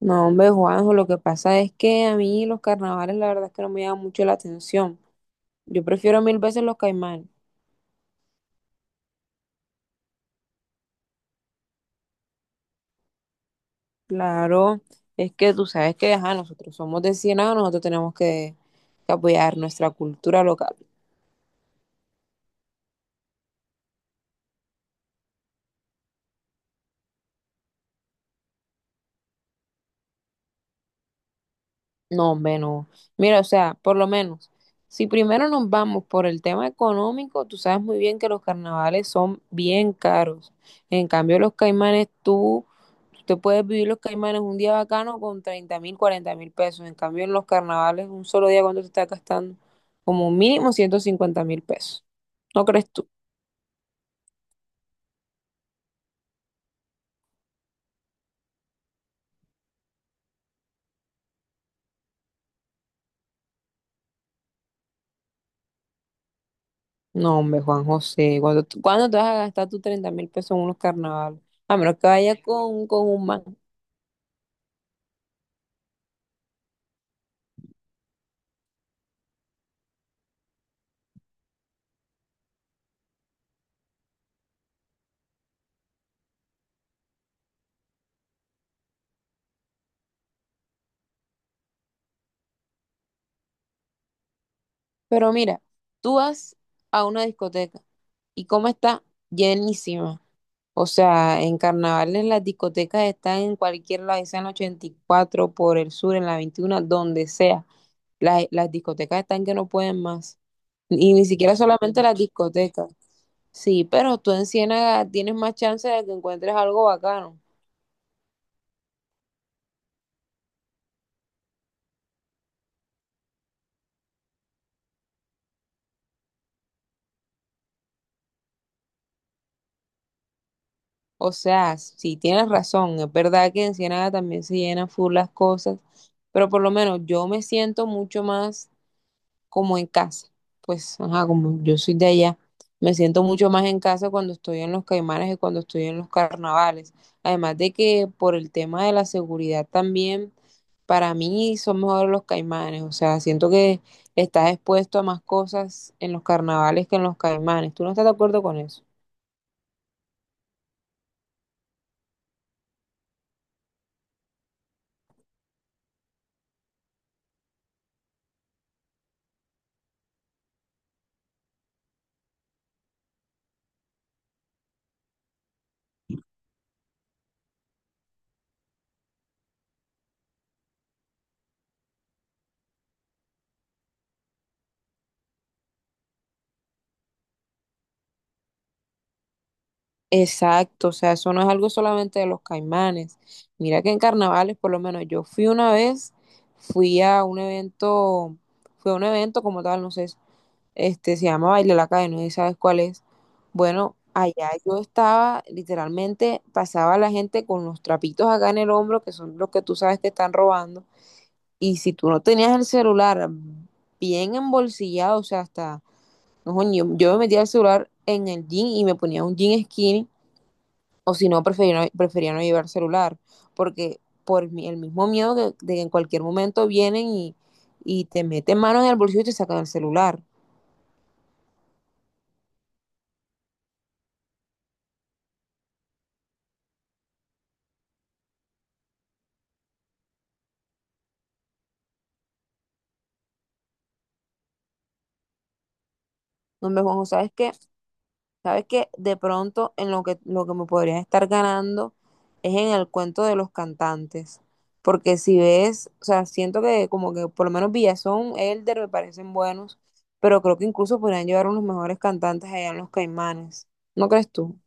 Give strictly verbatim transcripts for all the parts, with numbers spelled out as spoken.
No, hombre, Juanjo, lo que pasa es que a mí los carnavales la verdad es que no me llaman mucho la atención. Yo prefiero mil veces los Caimán. Claro, es que tú sabes que, ajá, nosotros somos de Ciénaga, nosotros tenemos que, que apoyar nuestra cultura local. No, hombre, no. Mira, o sea, por lo menos, si primero nos vamos por el tema económico, tú sabes muy bien que los carnavales son bien caros. En cambio, los Caimanes, tú Tú puedes vivir los Caimanes un día bacano con treinta mil, cuarenta mil pesos. En cambio, en los carnavales, un solo día, ¿cuánto te estás gastando? Como mínimo ciento cincuenta mil pesos. ¿No crees tú? No, hombre, Juan José, ¿cuándo, tú- cuándo te vas a gastar tus treinta mil pesos en unos carnavales? A menos que vayas con, con un man. Pero mira, tú vas a una discoteca y cómo está llenísima. O sea, en carnavales las discotecas están en cualquier lado, ya sea en la ochenta y cuatro por el sur, en la veintiuno, donde sea. Las, las discotecas están que no pueden más. Y ni siquiera solamente las discotecas. Sí, pero tú en Ciénaga tienes más chance de que encuentres algo bacano. O sea, sí tienes razón, es verdad que en Ciénaga también se llenan full las cosas, pero por lo menos yo me siento mucho más como en casa. Pues, ajá, como yo soy de allá, me siento mucho más en casa cuando estoy en los Caimanes que cuando estoy en los carnavales. Además de que por el tema de la seguridad también para mí son mejores los caimanes, o sea, siento que estás expuesto a más cosas en los carnavales que en los caimanes. ¿Tú no estás de acuerdo con eso? Exacto, o sea, eso no es algo solamente de los caimanes. Mira que en carnavales, por lo menos yo fui una vez, fui a un evento, fue a un evento como tal, no sé, este se llama Baile la Calle, no sé si sabes cuál es. Bueno, allá yo estaba, literalmente pasaba la gente con los trapitos acá en el hombro, que son los que tú sabes que están robando. Y si tú no tenías el celular bien embolsillado, o sea, hasta, no, yo, yo me metía el celular en el jean y me ponía un jean skinny, o si no, prefería no, prefería no llevar celular, porque por el mismo miedo de, de que en cualquier momento vienen y, y te meten mano en el bolsillo y te sacan el celular. No me ¿sabes qué? Sabes que de pronto en lo que, lo que me podría estar ganando es en el cuento de los cantantes. Porque si ves, o sea, siento que como que por lo menos Villazón, Elder me parecen buenos, pero creo que incluso podrían llevar unos mejores cantantes allá en los Caimanes. ¿No crees tú?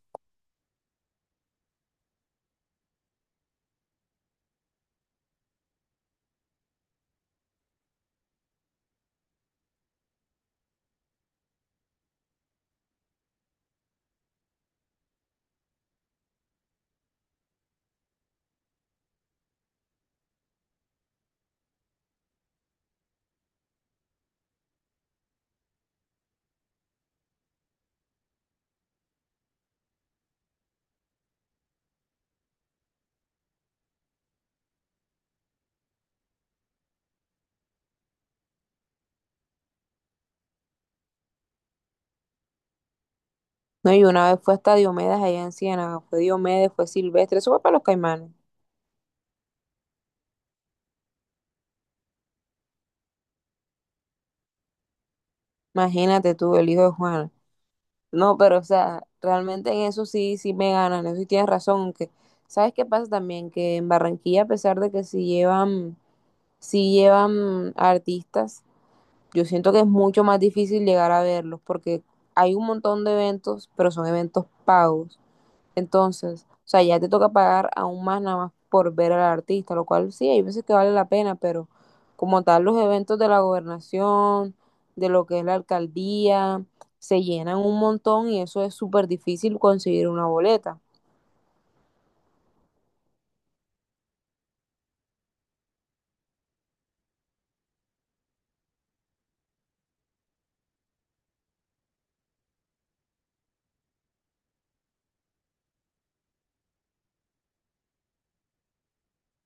No, y una vez fue hasta Diomedes allá en Ciénaga, fue Diomedes, fue Silvestre, eso fue para los Caimanes. Imagínate tú, el hijo de Juana. No, pero o sea, realmente en eso sí, sí me ganan, eso sí tienes razón, aunque, ¿sabes qué pasa también? Que en Barranquilla, a pesar de que sí llevan, sí llevan artistas, yo siento que es mucho más difícil llegar a verlos, porque hay un montón de eventos, pero son eventos pagos. Entonces, o sea, ya te toca pagar aún más nada más por ver al artista, lo cual sí, hay veces que vale la pena, pero como tal los eventos de la gobernación, de lo que es la alcaldía, se llenan un montón y eso es súper difícil conseguir una boleta.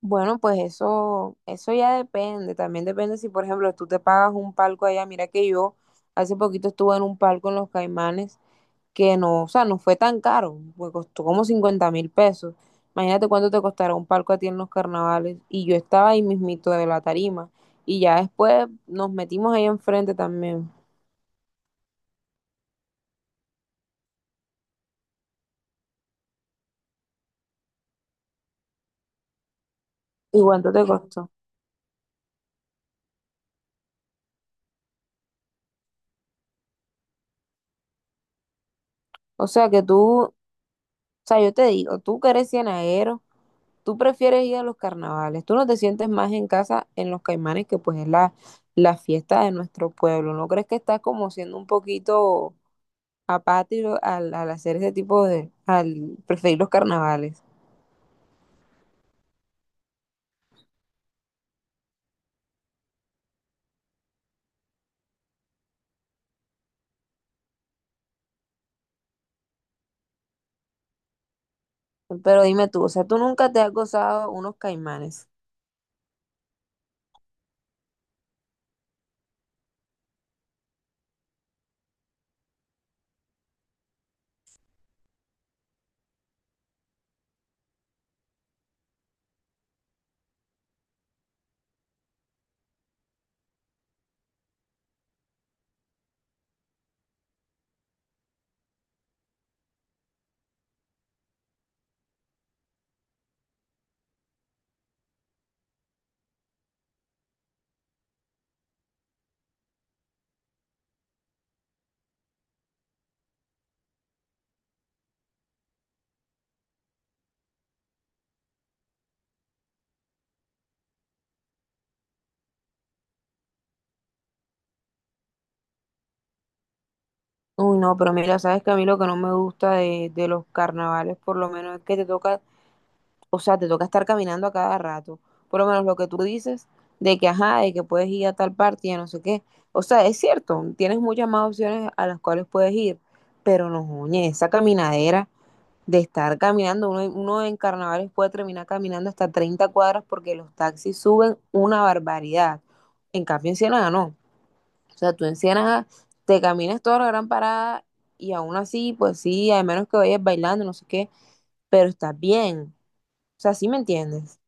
Bueno, pues eso, eso ya depende, también depende si, por ejemplo, tú te pagas un palco allá, mira que yo hace poquito estuve en un palco en Los Caimanes que no, o sea, no fue tan caro, me costó como cincuenta mil pesos. Imagínate cuánto te costará un palco a ti en los carnavales. Y yo estaba ahí mismito de la tarima. Y ya después nos metimos ahí enfrente también. ¿Y cuánto te costó? O sea que tú, o sea, yo te digo, tú que eres ciénaguero, tú prefieres ir a los carnavales. Tú no te sientes más en casa en los Caimanes, que pues es la, la fiesta de nuestro pueblo. ¿No crees que estás como siendo un poquito apático al, al hacer ese tipo de, al preferir los carnavales? Pero dime tú, o sea, tú nunca te has gozado unos caimanes. Uy, no, pero mira, sabes que a mí lo que no me gusta de, de los carnavales, por lo menos, es que te toca, o sea, te toca estar caminando a cada rato. Por lo menos lo que tú dices de que, ajá, de que puedes ir a tal parte y a no sé qué. O sea, es cierto, tienes muchas más opciones a las cuales puedes ir, pero no, oye, esa caminadera de estar caminando, uno, uno en carnavales puede terminar caminando hasta treinta cuadras porque los taxis suben una barbaridad. En cambio, en Ciénaga no. O sea, tú en Ciénaga te caminas toda la gran parada y aún así, pues sí, a menos que vayas bailando, no sé qué, pero estás bien. O sea, ¿sí me entiendes?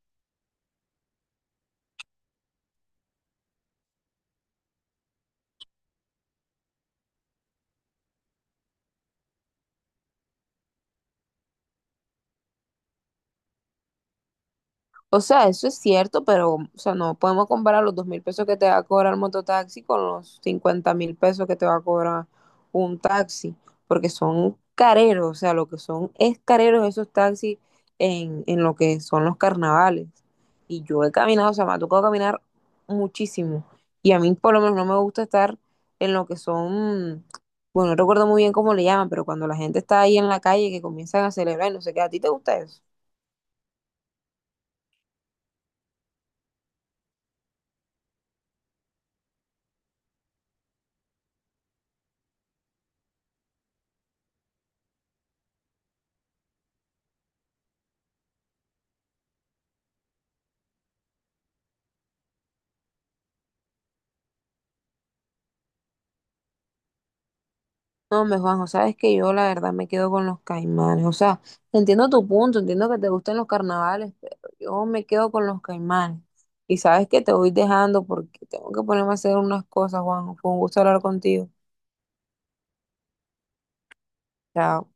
O sea, eso es cierto, pero o sea, no podemos comparar los dos mil pesos que te va a cobrar el mototaxi con los cincuenta mil pesos que te va a cobrar un taxi, porque son careros, o sea, lo que son es careros esos taxis en, en lo que son los carnavales. Y yo he caminado, o sea, me ha tocado caminar muchísimo. Y a mí por lo menos no me gusta estar en lo que son, bueno, no recuerdo muy bien cómo le llaman, pero cuando la gente está ahí en la calle que comienzan a celebrar y no sé qué, ¿a ti te gusta eso? No, me Juanjo, sabes que yo la verdad me quedo con los caimanes. O sea, entiendo tu punto, entiendo que te gustan los carnavales, pero yo me quedo con los caimanes. Y sabes que te voy dejando porque tengo que ponerme a hacer unas cosas, Juanjo. Fue un gusto hablar contigo. Chao.